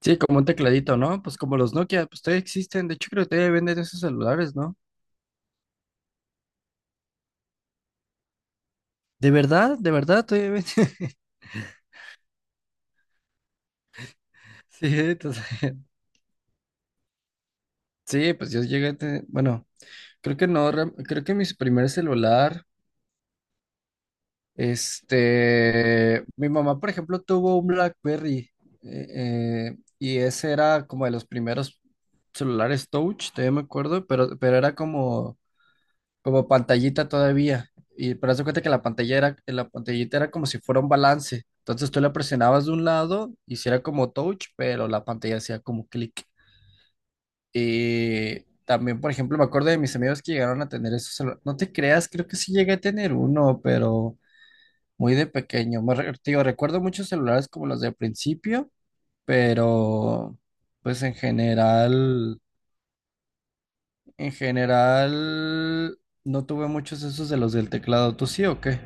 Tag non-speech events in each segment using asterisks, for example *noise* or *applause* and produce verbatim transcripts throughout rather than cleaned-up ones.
Sí, como un tecladito, ¿no? Pues como los Nokia, pues todavía existen. De hecho, creo que todavía venden esos celulares, ¿no? De verdad, de verdad, todavía venden. *laughs* Sí, entonces, *laughs* sí, pues yo llegué a tener, bueno, creo que no, re- creo que mi primer celular, este, mi mamá, por ejemplo, tuvo un BlackBerry eh, eh, y ese era como de los primeros celulares Touch, todavía me acuerdo, pero, pero era como como pantallita todavía. Y pero haz de cuenta que la pantalla era, la pantallita era como si fuera un balance. Entonces tú la presionabas de un lado, hiciera como touch, pero la pantalla hacía como clic. Y también, por ejemplo, me acuerdo de mis amigos que llegaron a tener esos celu- no te creas, creo que sí llegué a tener uno, pero muy de pequeño. Me, re- te digo, recuerdo muchos celulares como los de principio, pero pues en general. En general, no tuve muchos esos de los del teclado. ¿Tú sí o qué?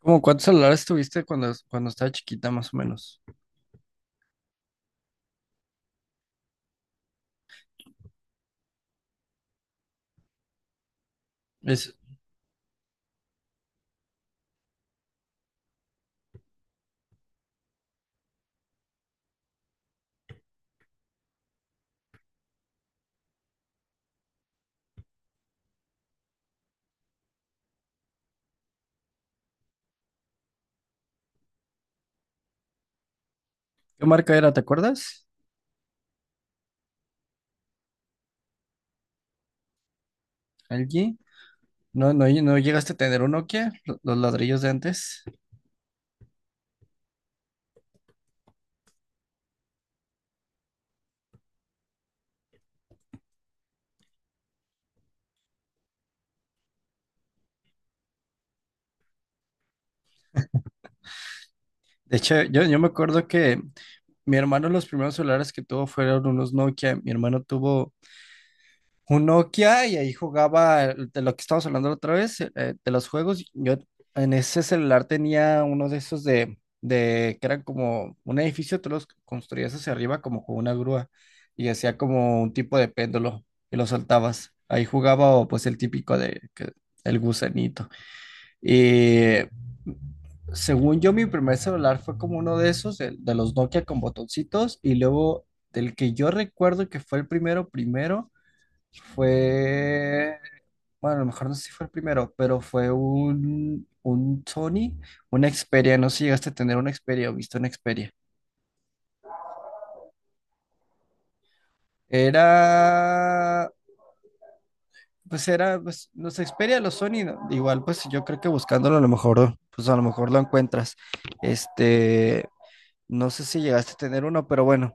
¿Cómo cuántos celulares tuviste cuando, cuando estaba chiquita, más o menos? Es, ¿qué marca era? ¿Te acuerdas? ¿L G? No, no, no llegaste a tener un Nokia, lo- los ladrillos de antes. De hecho, yo, yo me acuerdo que mi hermano los primeros celulares que tuvo fueron unos Nokia. Mi hermano tuvo un Nokia y ahí jugaba el- de lo que estábamos hablando la otra vez, eh, de los juegos. Yo en ese celular tenía uno de esos de, de que eran como un edificio, tú los construías hacia arriba como con una grúa y hacía como un tipo de péndulo y lo soltabas. Ahí jugaba o, pues el típico de que- el gusanito. Y según yo, mi primer celular fue como uno de esos, de, de los Nokia con botoncitos y luego del que yo recuerdo que fue el primero, primero. Fue, bueno, a lo mejor no sé si fue el primero, pero fue un, un Sony, una Xperia, no sé si llegaste a tener una Xperia o viste una Xperia. Era, pues era, pues los Xperia, los Sony, ¿no? Igual pues yo creo que buscándolo a lo mejor, pues a lo mejor lo encuentras. Este, no sé si llegaste a tener uno, pero bueno,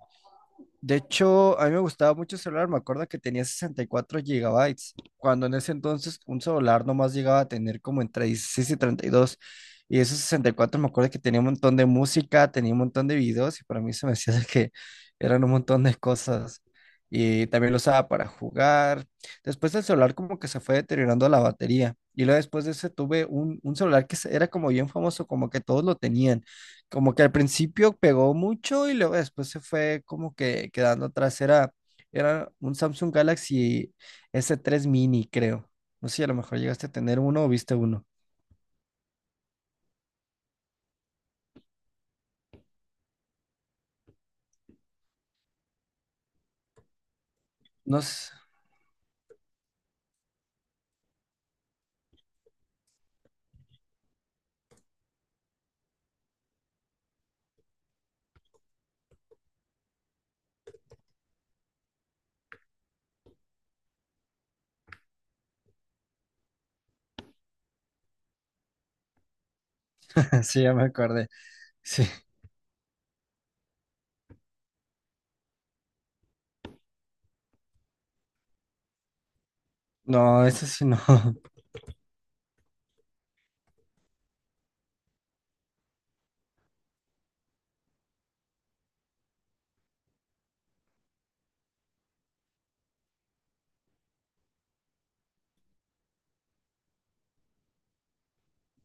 de hecho, a mí me gustaba mucho el celular, me acuerdo que tenía sesenta y cuatro gigabytes, cuando en ese entonces un celular nomás llegaba a tener como entre dieciséis y treinta y dos, y dos, y esos sesenta y cuatro me acuerdo que tenía un montón de música, tenía un montón de videos, y para mí se me hacía de que eran un montón de cosas, y también lo usaba para jugar. Después el celular como que se fue deteriorando la batería, y luego después de ese tuve un, un celular que se- era como bien famoso, como que todos lo tenían, como que al principio pegó mucho y luego después se fue como que quedando atrás. Era, era un Samsung Galaxy s tres Mini, creo. No sé si a lo mejor llegaste a tener uno o viste uno. No sé. *laughs* Sí, ya me acordé. Sí. No, ese sí no. *laughs*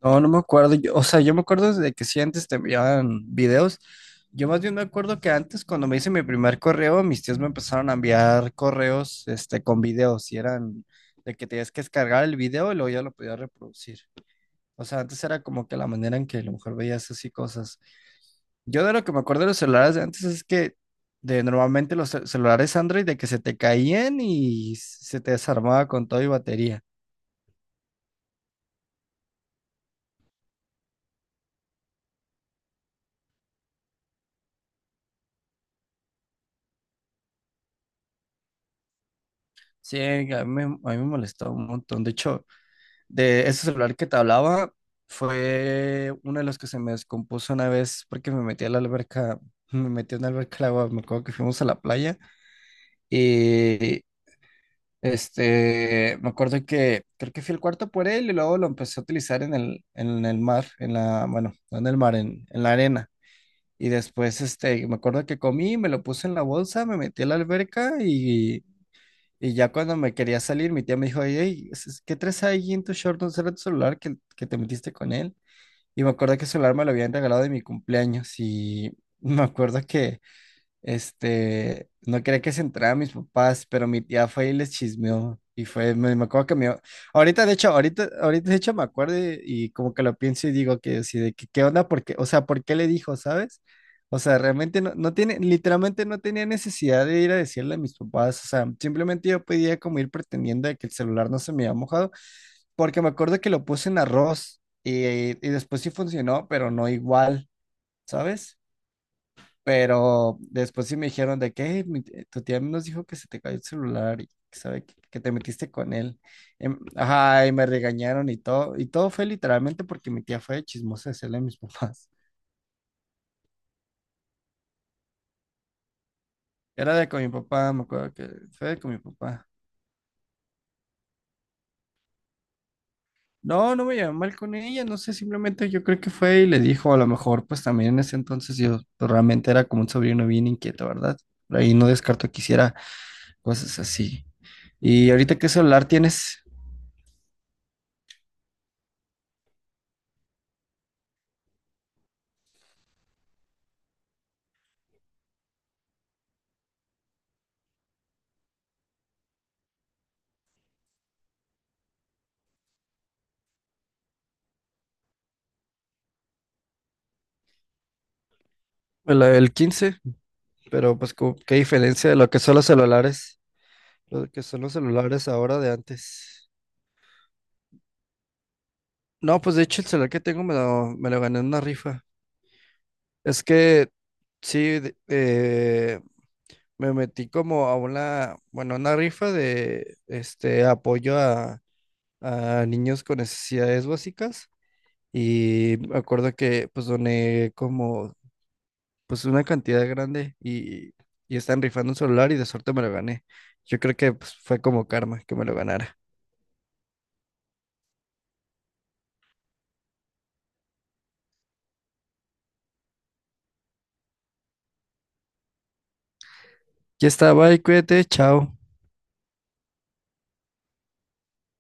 No, no me acuerdo. Yo- o sea, yo me acuerdo de que sí antes te enviaban videos. Yo más bien me acuerdo que antes, cuando me hice mi primer correo, mis tíos me empezaron a enviar correos, este, con videos y eran de que tenías que descargar el video y luego ya lo podías reproducir. O sea, antes era como que la manera en que a lo mejor veías así cosas. Yo de lo que me acuerdo de los celulares de antes es que de normalmente los ce- celulares Android de que se te caían y se te desarmaba con todo y batería. Sí, a mí, me- a mí me molestó un montón. De hecho, de ese celular que te hablaba fue uno de los que se me descompuso una vez porque me metí a la alberca, me metí en la alberca al agua, me acuerdo que fuimos a la playa. Y, Este, me acuerdo que creo que fui el cuarto por él y luego lo empecé a utilizar en el, en el mar, en la, bueno, no en el mar, en, en la arena. Y después, este, me acuerdo que comí, me lo puse en la bolsa, me metí a la alberca y, y ya cuando me quería salir, mi tía me dijo, hey, ¿qué traes ahí en tu short? ¿No será tu celular que, que te metiste con él? Y me acuerdo que el celular me lo habían regalado de mi cumpleaños y *laughs* me acuerdo que este, no quería que se enteraran mis papás, pero mi tía fue y les chismeó. Y fue, me, me acuerdo que me... Ahorita, de hecho, ahorita, ahorita, de hecho, me acuerdo y, y como que lo pienso y digo que, así de que, ¿qué onda? Porque, o sea, ¿por qué le dijo, sabes? O sea, realmente no, no tiene, literalmente no tenía necesidad de ir a decirle a mis papás. O sea, simplemente yo podía como ir pretendiendo de que el celular no se me había mojado, porque me acuerdo que lo puse en arroz y, y después sí funcionó, pero no igual, ¿sabes? Pero después sí me dijeron de que "Hey, mi t- tu tía nos dijo que se te cayó el celular y que sabe que, que te metiste con él. Em, ajá, y me regañaron y todo. Y todo fue literalmente porque mi tía fue de chismosa de hacerle a mis *laughs* papás. Era de con mi papá, me acuerdo que fue de con mi papá. No, no me llevé mal con ella, no sé, simplemente yo creo que fue y le dijo, a lo mejor, pues también en ese entonces yo pues, realmente era como un sobrino bien inquieto, ¿verdad? Por ahí no descarto que hiciera cosas así. ¿Y ahorita qué celular tienes? El, el quince. Pero pues como- qué diferencia de lo que son los celulares, lo que son los celulares ahora de antes. No, pues de hecho el celular que tengo me lo, me lo gané en una rifa. Es que sí, de- eh, me metí como a una, bueno, una rifa de este apoyo a, a niños con necesidades básicas. Y me acuerdo que pues doné como pues una cantidad grande y, y están rifando un celular y de suerte me lo gané. Yo creo que pues, fue como karma que me lo ganara. Ya está, bye, cuídate, chao.